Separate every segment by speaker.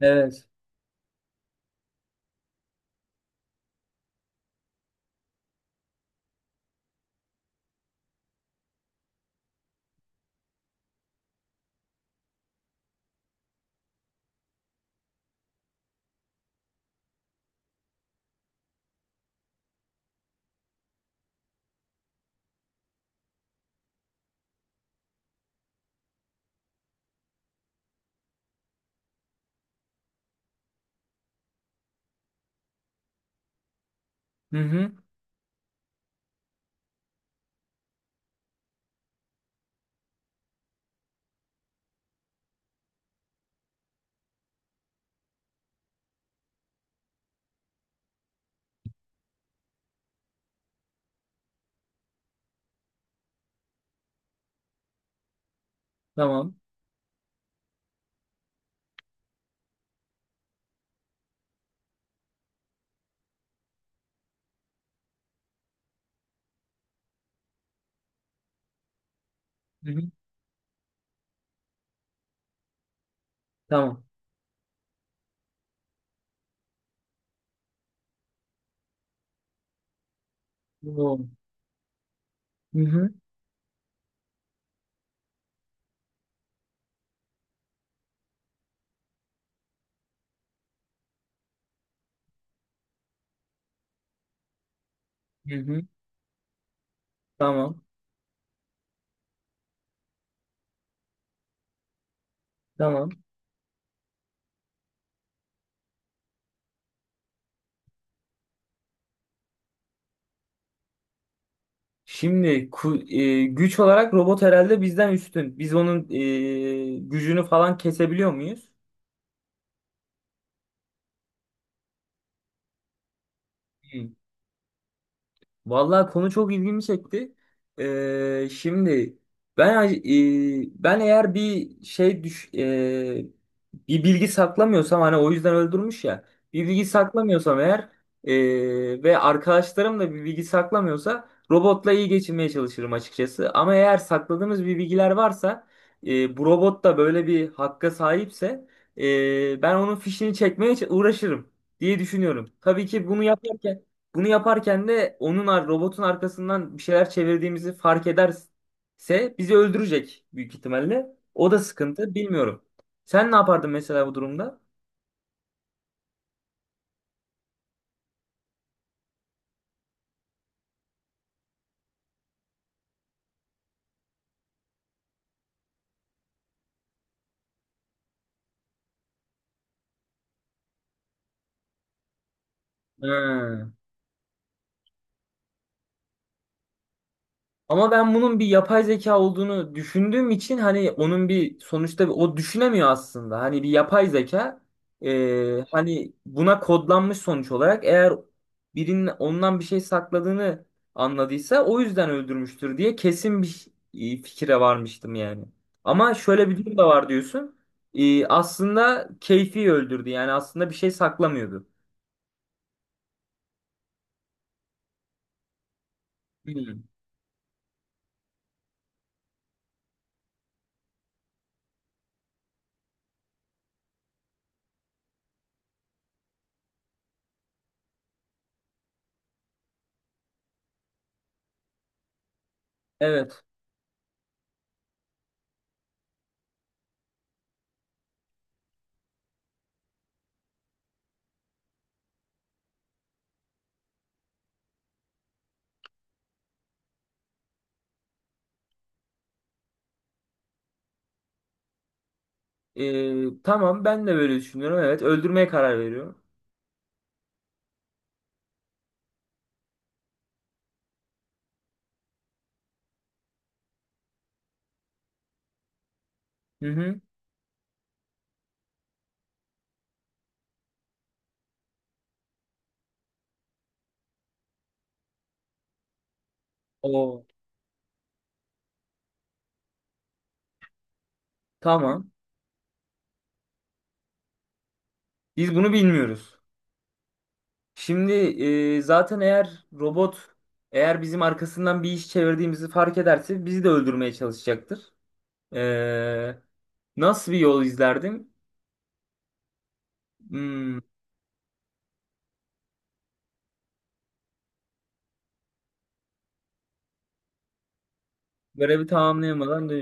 Speaker 1: Evet. Hı hı. Tamam. Hı hı. Tamam. Oo. Hı hı. Hı hı. Tamam. Tamam. Şimdi güç olarak robot herhalde bizden üstün. Biz onun gücünü falan kesebiliyor muyuz? Hı. Vallahi konu çok ilgimi çekti. Şimdi ben e, eğer bir şey düş e, bir bilgi saklamıyorsam hani o yüzden öldürmüş ya. Bir bilgi saklamıyorsam eğer ve arkadaşlarım da bir bilgi saklamıyorsa robotla iyi geçinmeye çalışırım açıkçası. Ama eğer sakladığımız bir bilgiler varsa bu robot da böyle bir hakka sahipse ben onun fişini çekmeye uğraşırım diye düşünüyorum. Tabii ki bunu yaparken de robotun arkasından bir şeyler çevirdiğimizi fark ederse bizi öldürecek büyük ihtimalle. O da sıkıntı, bilmiyorum. Sen ne yapardın mesela bu durumda? Ha. Ama ben bunun bir yapay zeka olduğunu düşündüğüm için hani onun bir sonuçta o düşünemiyor aslında. Hani bir yapay zeka, hani buna kodlanmış sonuç olarak eğer birinin ondan bir şey sakladığını anladıysa o yüzden öldürmüştür diye kesin bir fikire varmıştım yani. Ama şöyle bir durum da var diyorsun. E, aslında keyfi öldürdü yani aslında bir şey saklamıyordu. Hmm. Evet. E, tamam ben de böyle düşünüyorum. Evet, öldürmeye karar veriyorum. Hı hı. Oo, tamam. Biz bunu bilmiyoruz. Şimdi zaten eğer eğer bizim arkasından bir iş çevirdiğimizi fark ederse bizi de öldürmeye çalışacaktır. E, nasıl bir yol izlerdim? Hmm, görevi tamamlayamadan da.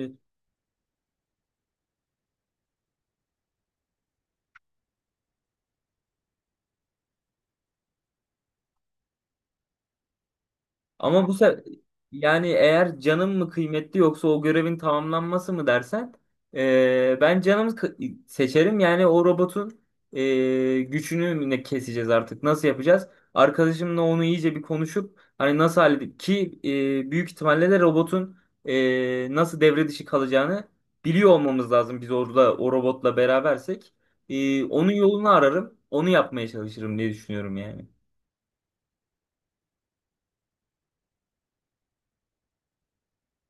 Speaker 1: Ama bu sefer yani eğer canım mı kıymetli yoksa o görevin tamamlanması mı dersen ben seçerim. Yani o robotun gücünü mü ne keseceğiz artık, nasıl yapacağız? Arkadaşımla onu iyice bir konuşup hani nasıl halledip ki büyük ihtimalle de robotun nasıl devre dışı kalacağını biliyor olmamız lazım biz orada o robotla berabersek. Onun yolunu ararım, onu yapmaya çalışırım diye düşünüyorum yani.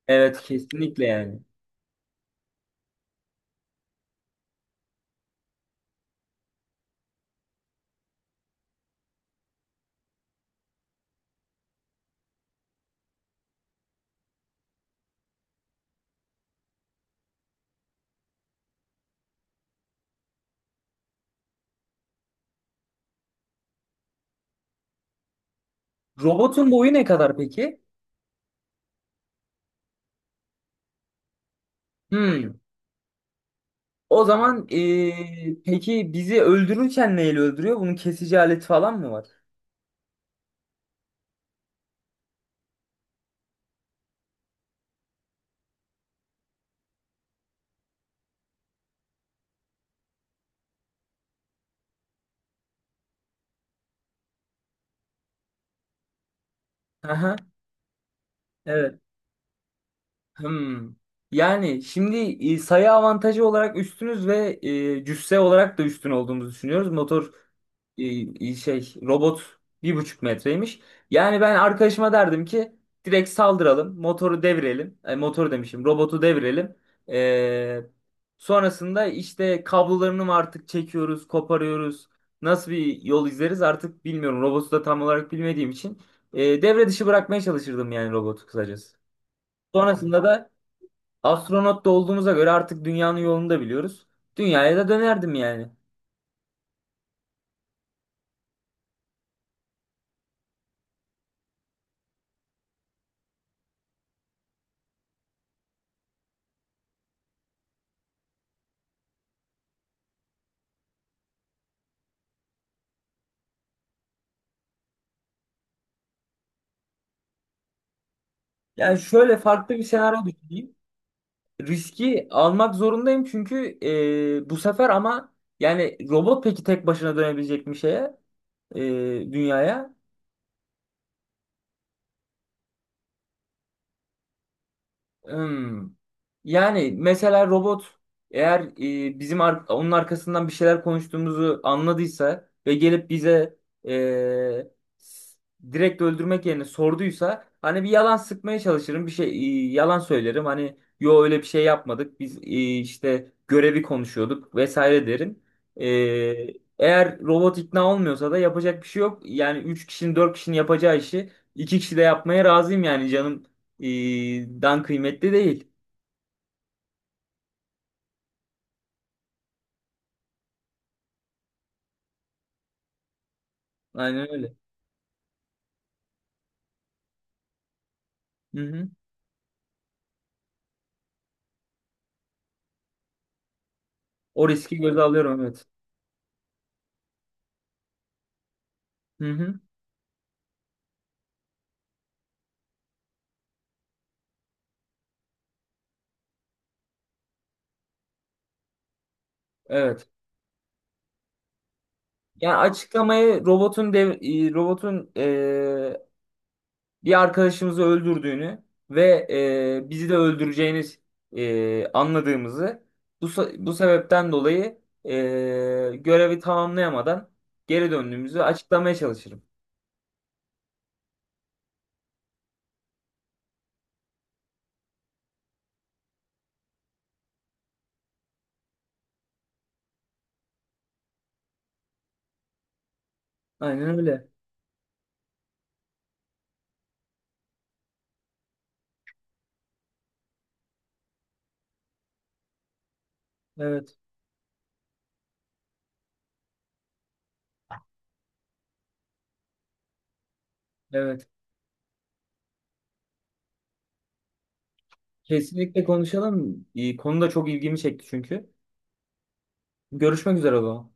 Speaker 1: Evet, kesinlikle yani. Robotun boyu ne kadar peki? Hmm. O zaman peki bizi öldürürken neyle öldürüyor? Bunun kesici aleti falan mı var? Aha, evet. Hmm. Yani şimdi sayı avantajı olarak üstünüz ve cüsse olarak da üstün olduğumuzu düşünüyoruz. E, robot bir buçuk metreymiş. Yani ben arkadaşıma derdim ki direkt saldıralım, motoru devirelim, robotu devirelim. E, sonrasında işte kablolarını mı artık çekiyoruz, koparıyoruz. Nasıl bir yol izleriz artık bilmiyorum. Robotu da tam olarak bilmediğim için devre dışı bırakmaya çalışırdım yani robotu kısacası. Sonrasında da astronot da olduğumuza göre artık dünyanın yolunu da biliyoruz. Dünyaya da dönerdim yani. Yani şöyle farklı bir senaryo düşüneyim. Riski almak zorundayım çünkü e, bu sefer ama yani robot peki tek başına dönebilecek bir şeye, e, dünyaya? Hmm. Yani mesela robot eğer onun arkasından bir şeyler konuştuğumuzu anladıysa ve gelip bize e, s- direkt öldürmek yerine sorduysa, hani bir yalan sıkmaya çalışırım, yalan söylerim hani, yo öyle bir şey yapmadık biz, işte görevi konuşuyorduk vesaire derim. E, eğer robot ikna olmuyorsa da yapacak bir şey yok yani 3 kişinin 4 kişinin yapacağı işi 2 kişi de yapmaya razıyım yani dan kıymetli değil. Aynen öyle. Hı hı. O riski göze alıyorum, evet. Hı hı. Evet. Yani açıklamayı robotun bir arkadaşımızı öldürdüğünü ve bizi de öldüreceğini anladığımızı, bu sebepten dolayı görevi tamamlayamadan geri döndüğümüzü açıklamaya çalışırım. Aynen öyle. Evet. Evet, kesinlikle konuşalım. E, konu da çok ilgimi çekti çünkü. Görüşmek üzere o zaman.